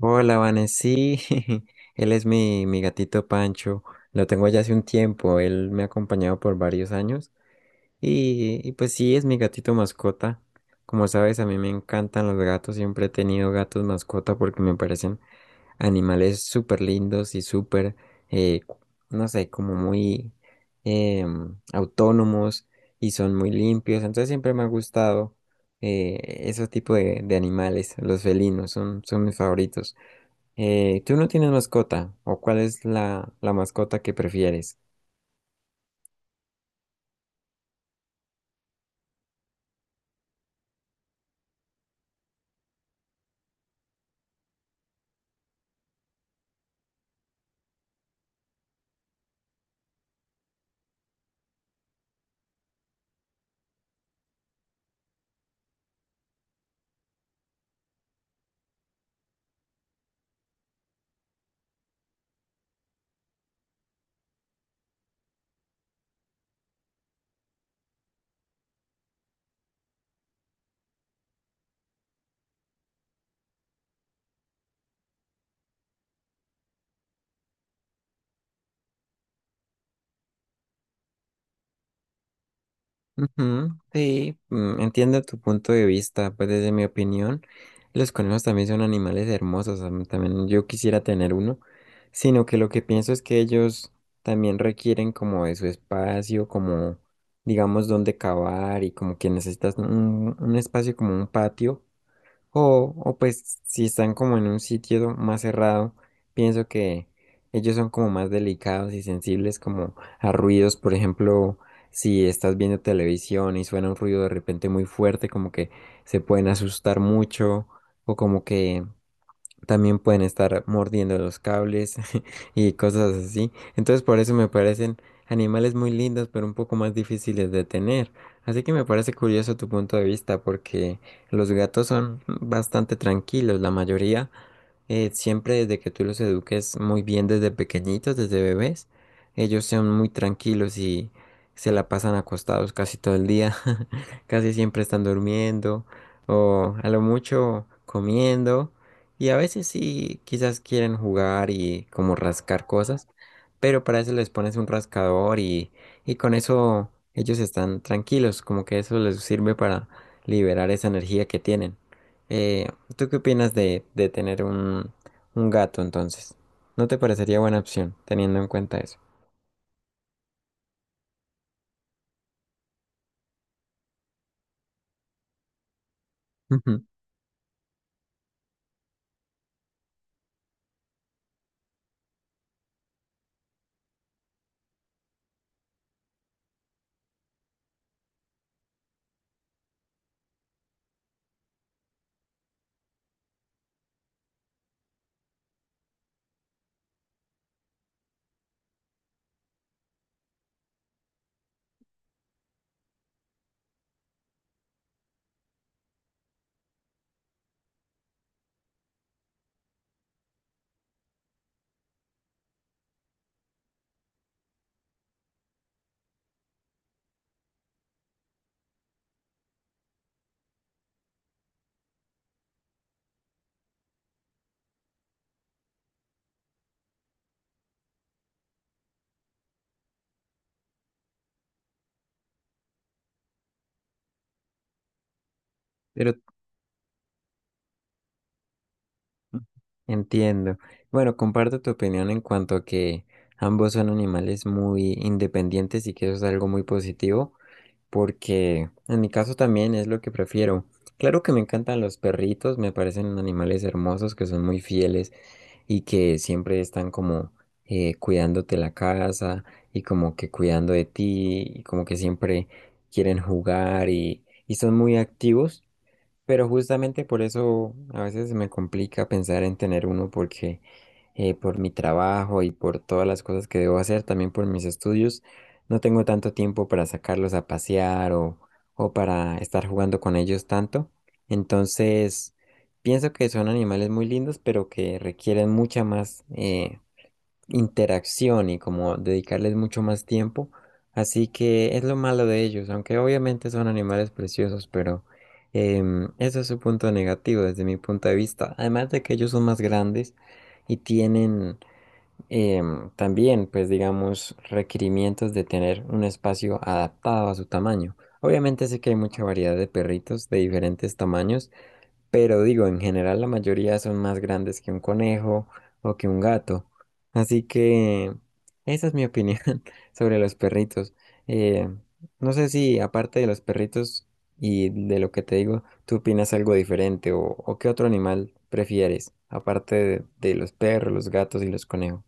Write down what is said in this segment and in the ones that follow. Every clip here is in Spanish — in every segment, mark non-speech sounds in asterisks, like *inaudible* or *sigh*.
Hola, Vanesí. *laughs* Él es mi gatito Pancho. Lo tengo ya hace un tiempo. Él me ha acompañado por varios años. Y pues sí, es mi gatito mascota. Como sabes, a mí me encantan los gatos. Siempre he tenido gatos mascota porque me parecen animales súper lindos y súper, eh, no sé, como muy autónomos y son muy limpios. Entonces siempre me ha gustado eh, ese tipo de animales. Los felinos son mis favoritos. ¿tú no tienes mascota? ¿O cuál es la mascota que prefieres? Ujú, sí, mm, entiendo tu punto de vista, pues desde mi opinión, los conejos también son animales hermosos, también yo quisiera tener uno, sino que lo que pienso es que ellos también requieren como de su espacio, como digamos donde cavar y como que necesitas un espacio como un patio. O pues si están como en un sitio más cerrado, pienso que ellos son como más delicados y sensibles como a ruidos, por ejemplo, si estás viendo televisión y suena un ruido de repente muy fuerte, como que se pueden asustar mucho o como que también pueden estar mordiendo los cables *laughs* y cosas así. Entonces por eso me parecen animales muy lindos, pero un poco más difíciles de tener. Así que me parece curioso tu punto de vista, porque los gatos son bastante tranquilos, la mayoría, siempre desde que tú los eduques muy bien desde pequeñitos, desde bebés, ellos son muy tranquilos y se la pasan acostados casi todo el día, *laughs* casi siempre están durmiendo o a lo mucho comiendo y a veces sí quizás quieren jugar y como rascar cosas, pero para eso les pones un rascador y con eso ellos están tranquilos, como que eso les sirve para liberar esa energía que tienen. Pues, ¿tú qué opinas de tener un gato entonces? ¿No te parecería buena opción teniendo en cuenta eso? Ujú. Pero entiendo. Bueno, comparto tu opinión en cuanto a que ambos son animales muy independientes y que eso es algo muy positivo, porque en mi caso también es lo que prefiero. Claro que me encantan los perritos, me parecen animales hermosos que son muy fieles y que siempre están como cuidándote la casa y como que cuidando de ti y como que siempre quieren jugar y son muy activos. Pero justamente por eso a veces me complica pensar en tener uno porque por mi trabajo y por todas las cosas que debo hacer, también por mis estudios, no tengo tanto tiempo para sacarlos a pasear o para estar jugando con ellos tanto. Entonces, pienso que son animales muy lindos, pero que requieren mucha más interacción y como dedicarles mucho más tiempo. Así que es lo malo de ellos, aunque obviamente son animales preciosos, pero eso es su punto negativo desde mi punto de vista. Además de que ellos son más grandes y tienen también, pues digamos, requerimientos de tener un espacio adaptado a su tamaño. Obviamente sé que hay mucha variedad de perritos de diferentes tamaños. Pero digo, en general la mayoría son más grandes que un conejo o que un gato. Así que esa es mi opinión *laughs* sobre los perritos. Eh, no sé si aparte de los perritos y de lo que te digo, tú opinas algo diferente o qué otro animal prefieres, aparte de los perros, los gatos y los conejos.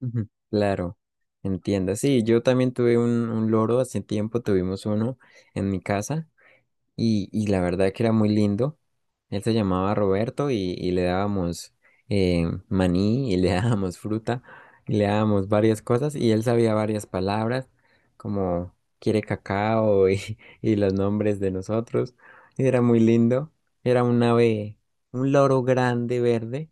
Ujú. Claro, entiendo. Sí, yo también tuve un loro, hace tiempo tuvimos uno en mi casa. Y la verdad que era muy lindo. Él se llamaba Roberto y le dábamos maní y le *laughs* dábamos fruta y le dábamos varias cosas y él sabía varias palabras como quiere cacao *laughs* y los nombres de nosotros. Y era muy lindo. Era un ave, un loro grande verde.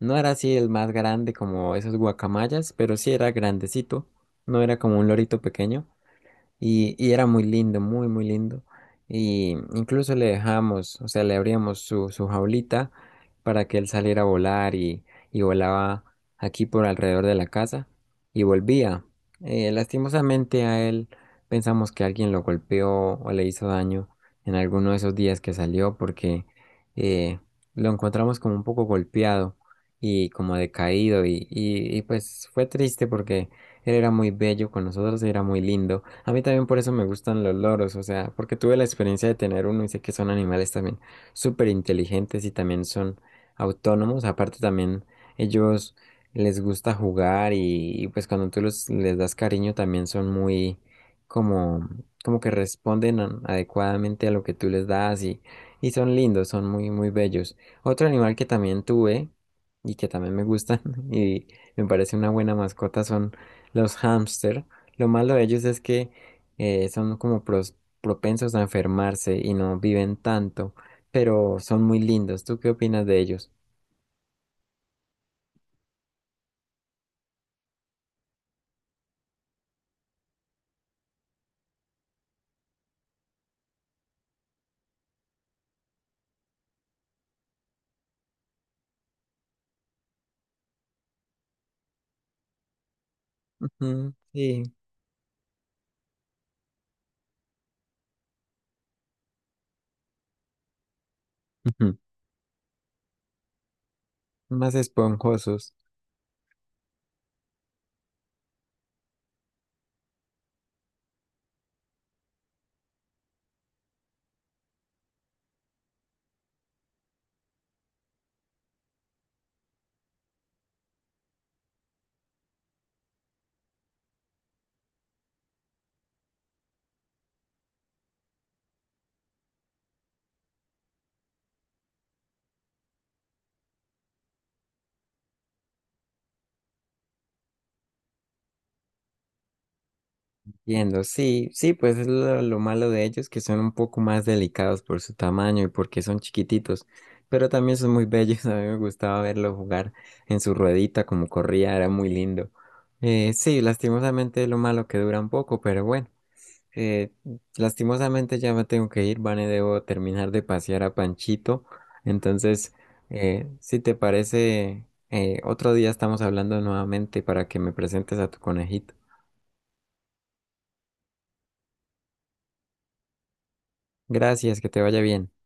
No era así el más grande como esos guacamayas, pero sí era grandecito. No era como un lorito pequeño. Y era muy lindo, muy, muy lindo. Y incluso le dejamos, o sea, le abríamos su jaulita para que él saliera a volar y volaba aquí por alrededor de la casa y volvía. Lastimosamente a él pensamos que alguien lo golpeó o le hizo daño en alguno de esos días que salió porque eh, lo encontramos como un poco golpeado y como decaído y pues fue triste porque él era muy bello con nosotros, era muy lindo. A mí también por eso me gustan los loros, o sea, porque tuve la experiencia de tener uno y sé que son animales también súper inteligentes y también son autónomos. Aparte también ellos les gusta jugar pues cuando tú los, les das cariño también son muy como, como que responden adecuadamente a lo que tú les das y son lindos, son muy, muy bellos. Otro animal que también tuve y que también me gustan *laughs* y me parece una buena mascota son los hámster. Lo malo de ellos es que son como propensos a enfermarse y no viven tanto, pero son muy lindos. ¿Tú qué opinas de ellos? Ujú, sí, ujú, más esponjosos. Entiendo, sí, sí, pues es lo malo de ellos, que son un poco más delicados por su tamaño y porque son chiquititos, pero también son muy bellos. *laughs* A mí me gustaba verlo jugar en su ruedita, como corría, era muy lindo. Sí, lastimosamente lo malo que dura un poco, pero bueno. Eh, lastimosamente ya me tengo que ir, Vane, debo terminar de pasear a Panchito. Entonces, si te parece, otro día estamos hablando nuevamente para que me presentes a tu conejito. Gracias, que te vaya bien.